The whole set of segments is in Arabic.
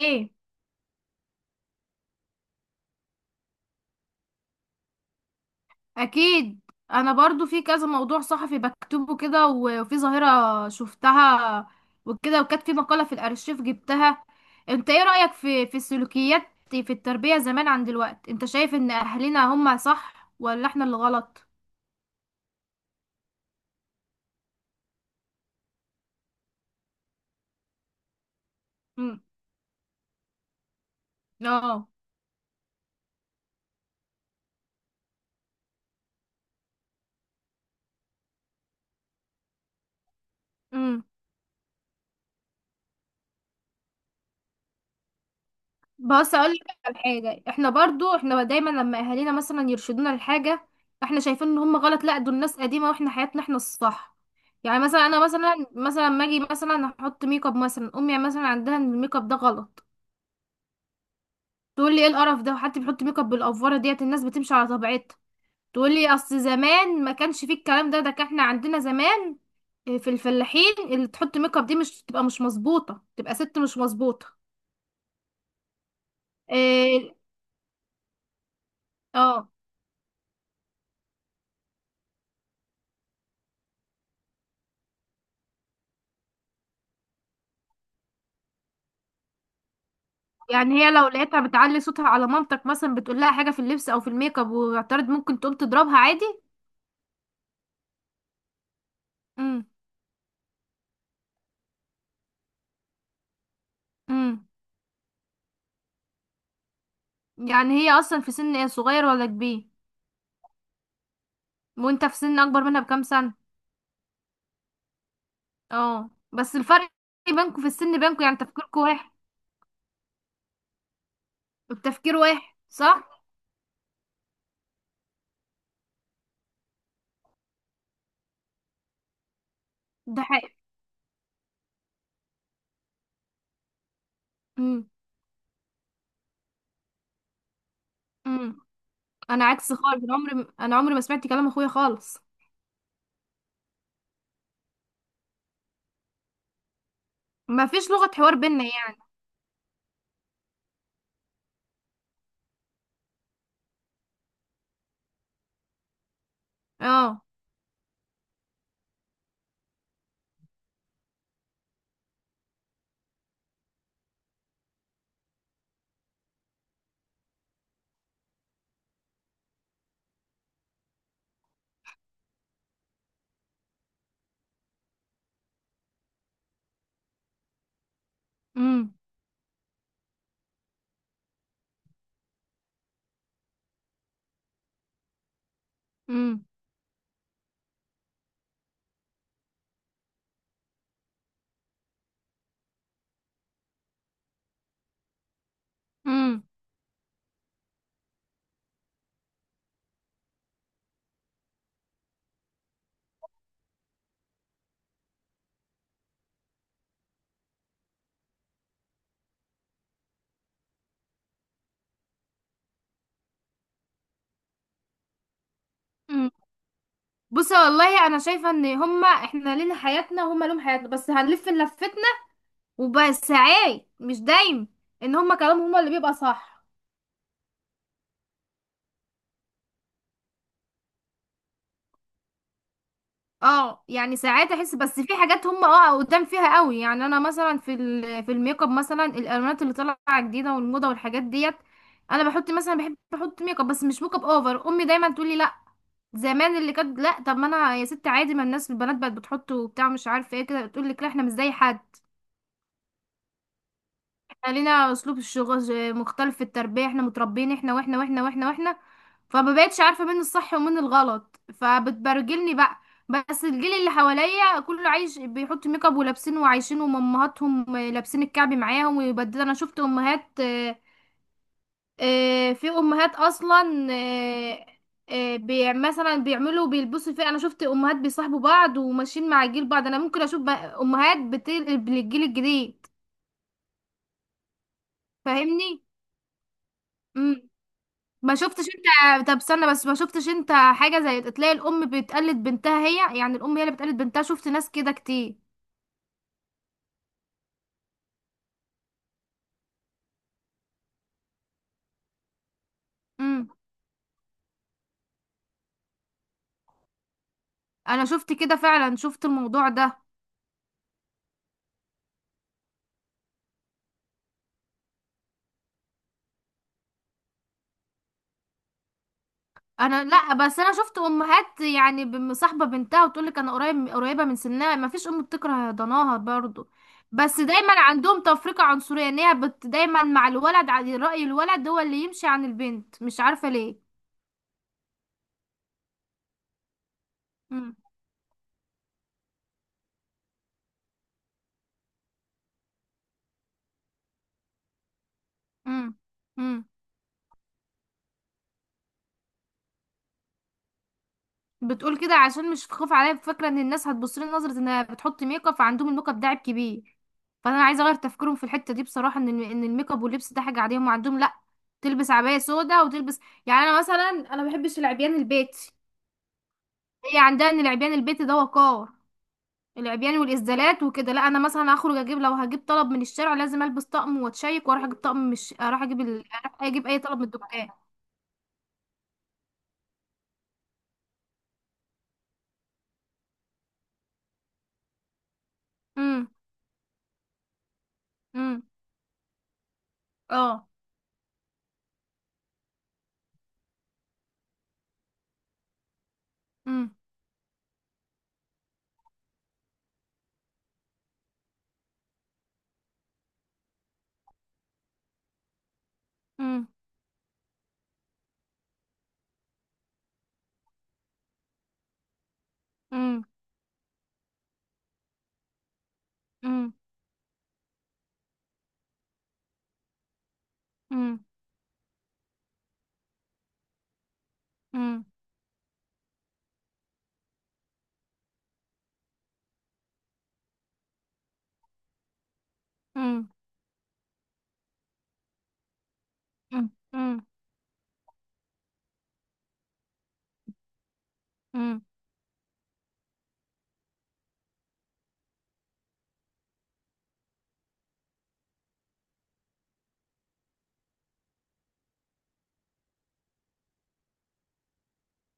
ايه. اكيد. انا برضو في كذا موضوع صحفي بكتبه كده، وفي ظاهرة شفتها وكده، وكانت في مقالة في الارشيف جبتها. انت ايه رأيك في السلوكيات، في التربية زمان عن دلوقت؟ انت شايف ان اهلنا هم صح ولا احنا اللي غلط؟ امم. اه. بص اقول لك على حاجه، احنا برضو احنا دايما لما اهالينا مثلا يرشدونا لحاجه، احنا شايفين ان هم غلط، لا دول ناس قديمه واحنا حياتنا احنا الصح. يعني مثلا انا مثلا ما اجي مثلا احط ميك اب، مثلا امي مثلا عندها ان الميك اب ده غلط. تقول لي ايه القرف ده، حد بيحط ميك اب، بالافوره ديت الناس بتمشي على طبيعتها. تقول لي اصل زمان ما كانش فيه الكلام ده كان احنا عندنا زمان في الفلاحين اللي تحط ميك اب دي مش تبقى مش مظبوطه، تبقى ست مش مظبوطه. إيه، اه. يعني هي لو لقيتها بتعلي صوتها على مامتك مثلا، بتقول لها حاجة في اللبس او في الميك اب واعترض، ممكن تقوم تضربها عادي؟ امم، امم. يعني هي اصلا في سن ايه، صغير ولا كبير؟ وانت في سن اكبر منها بكام سنة؟ اه بس الفرق بينكم في السن، بينكم يعني تفكيركم واحد. التفكير واحد، صح. ده حقيقي. امم. امم. انا عكس خالص، انا عمري ما سمعت كلام اخويا خالص. ما فيش لغة حوار بينا يعني. اه. امم. امم. امم. بصي والله انا شايفه ان هما، احنا لينا حياتنا وهما لهم حياتنا، بس هنلف لفتنا. وبس ساعات مش دايم، ان هما كلامهم هما اللي بيبقى صح. اه يعني ساعات احس، بس في حاجات هما قدام فيها قوي. يعني انا مثلا في الميك اب مثلا، الالوانات اللي طالعه جديده والموضه والحاجات ديت. انا بحط مثلا، بحب احط ميك اب، بس مش ميك اب اوفر. امي دايما تقول لي لا، زمان اللي كانت لا، طب ما انا يا ست عادي، ما الناس البنات بقت بتحط وبتاع مش عارفه ايه. كده تقول لك لا، احنا مش زي حد، لينا اسلوب. الشغل مختلف في التربيه، احنا متربيين احنا واحنا واحنا واحنا واحنا. فما بقتش عارفه مين الصح ومين الغلط، فبتبرجلني بقى. بس الجيل اللي حواليا كله عايش بيحط ميك اب ولابسين وعايشين، وامهاتهم لابسين الكعب معاهم ويبدل، انا شفت امهات. في امهات اصلا، مثلا بيعملوا بيلبسوا فيه، انا شفت امهات بيصاحبوا بعض وماشيين مع جيل بعض. انا ممكن اشوف بقى امهات بتقلب للجيل الجديد. فاهمني؟ امم. ما شفتش انت، طب استنى بس، ما شفتش انت حاجة زي تلاقي الأم بتقلد بنتها، هي يعني الأم هي اللي بتقلد بنتها؟ شفت ناس كده كتير. امم. انا شفت كده فعلا، شفت الموضوع ده. انا لا، بس انا شفت امهات يعني مصاحبة بنتها وتقولك انا قريبة من سنها، ما فيش ام بتكره ضناها برضو. بس دايما عندهم تفرقة عنصرية، ان هي دايما مع الولد، على رأي الولد هو اللي يمشي عن البنت، مش عارفة ليه. امم. امم. امم. بتقول كده عشان مش خاف عليا، فاكره ان الناس هتبص لي نظره انها بتحط ميك اب، فعندهم الميك اب ده عيب كبير. فانا عايزه اغير تفكيرهم في الحته دي بصراحه، ان ان الميك اب واللبس ده حاجه عاديه. هم عندهم لا، تلبس عبايه سودا وتلبس. يعني انا ما بحبش العبيان البيتي. هي عندها ان العبيان البيتي ده وقار، العبيان والازدالات وكده. لا انا مثلا هخرج اجيب، لو هجيب طلب من الشارع لازم البس طقم واتشيك واروح اجيب طقم، مش اروح اجيب اروح اجيب اي طلب من الدكان. امم. امم. اه. امم. امم. امم. امم. امم. مم. مم. مم. مم.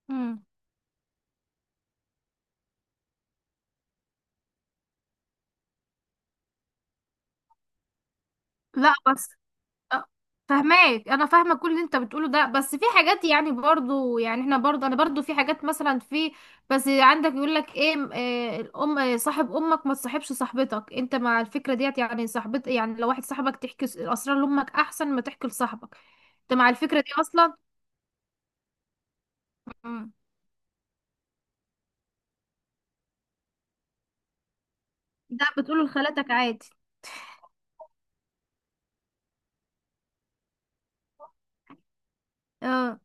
مم. لا بس أ- فهماك، انا فاهمه كل اللي انت بتقوله ده، بس في حاجات يعني برضو يعني احنا برضو انا برضو في حاجات مثلا في. بس عندك يقول لك ايه الام، صاحب امك ما تصاحبش صاحبتك، انت مع الفكره ديت؟ يعني صاحبت، يعني لو واحد صاحبك تحكي الاسرار لامك احسن ما تحكي لصاحبك، انت مع الفكره دي اصلا؟ مم. ده بتقوله لخالتك عادي؟ اه.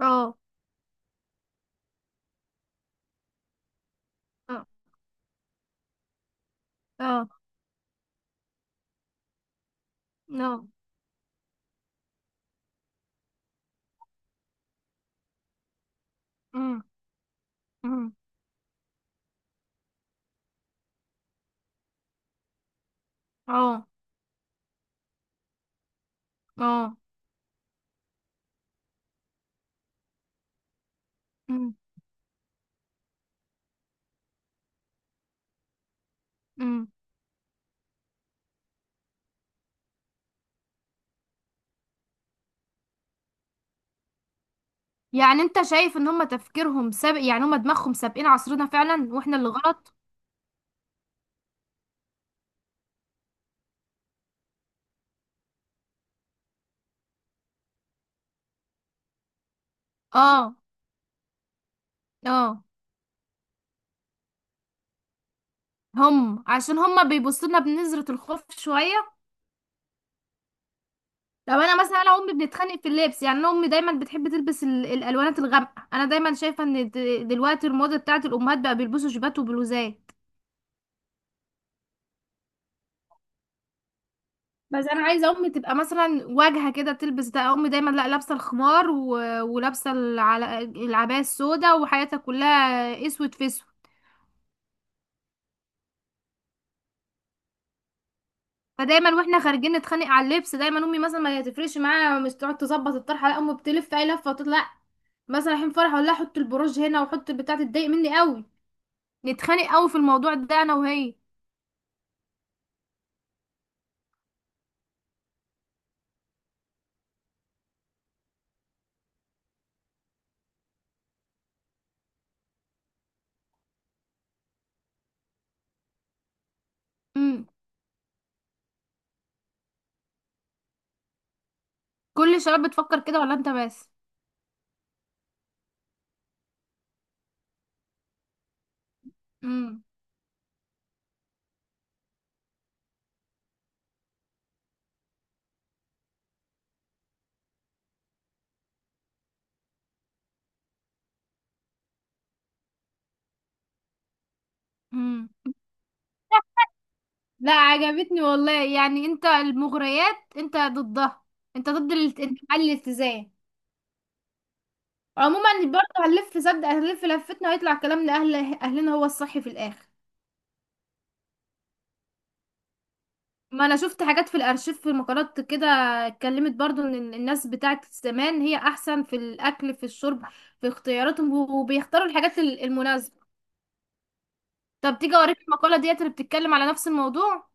اه. اه. اه. آه. آه. مم. مم. اه. اه. مم. مم. يعني انت شايف ان هما تفكيرهم سابق، يعني هما دماغهم سابقين عصرنا فعلا، واحنا اللي غلط؟ اه. اه. هم عشان هما بيبصوا لنا بنظرة الخوف شوية. طب انا مثلا انا وامي بنتخانق في اللبس. يعني انا امي دايما بتحب تلبس الالوانات الغامقة. انا دايما شايفة ان دلوقتي الموضة بتاعت الامهات بقى بيلبسوا جيبات وبلوزات. بس انا عايزة امي تبقى مثلا واجهة كده تلبس ده. امي دايما لا، لابسة الخمار ولابسة العباية السوداء، وحياتها كلها اسود في اسود. فدايما واحنا خارجين نتخانق على اللبس، دايما امي مثلا ما تفرقش معايا، مش تقعد تظبط الطرحه لا، امي بتلف اي لفه وتطلع، مثلا رايحين فرح ولا حط البروج هنا وحط بتاع، تضايق مني قوي. نتخانق قوي في الموضوع ده، انا وهي. امم. كل الشباب بتفكر كده ولا انت بس؟ امم. امم. لا عجبتني والله، يعني انت المغريات انت ضدها. انت ضد انتماء الالتزام. عموما برضه هنلف، صدق هنلف لفتنا، وهيطلع كلام لاهل اهلنا هو الصح في الاخر. ما انا شفت حاجات في الارشيف في مقالات كده، اتكلمت برضو ان الناس بتاعت زمان هي احسن في الاكل في الشرب في اختياراتهم، وبيختاروا الحاجات المناسبة. طب تيجي اوريك المقالة ديت اللي بتتكلم على نفس الموضوع؟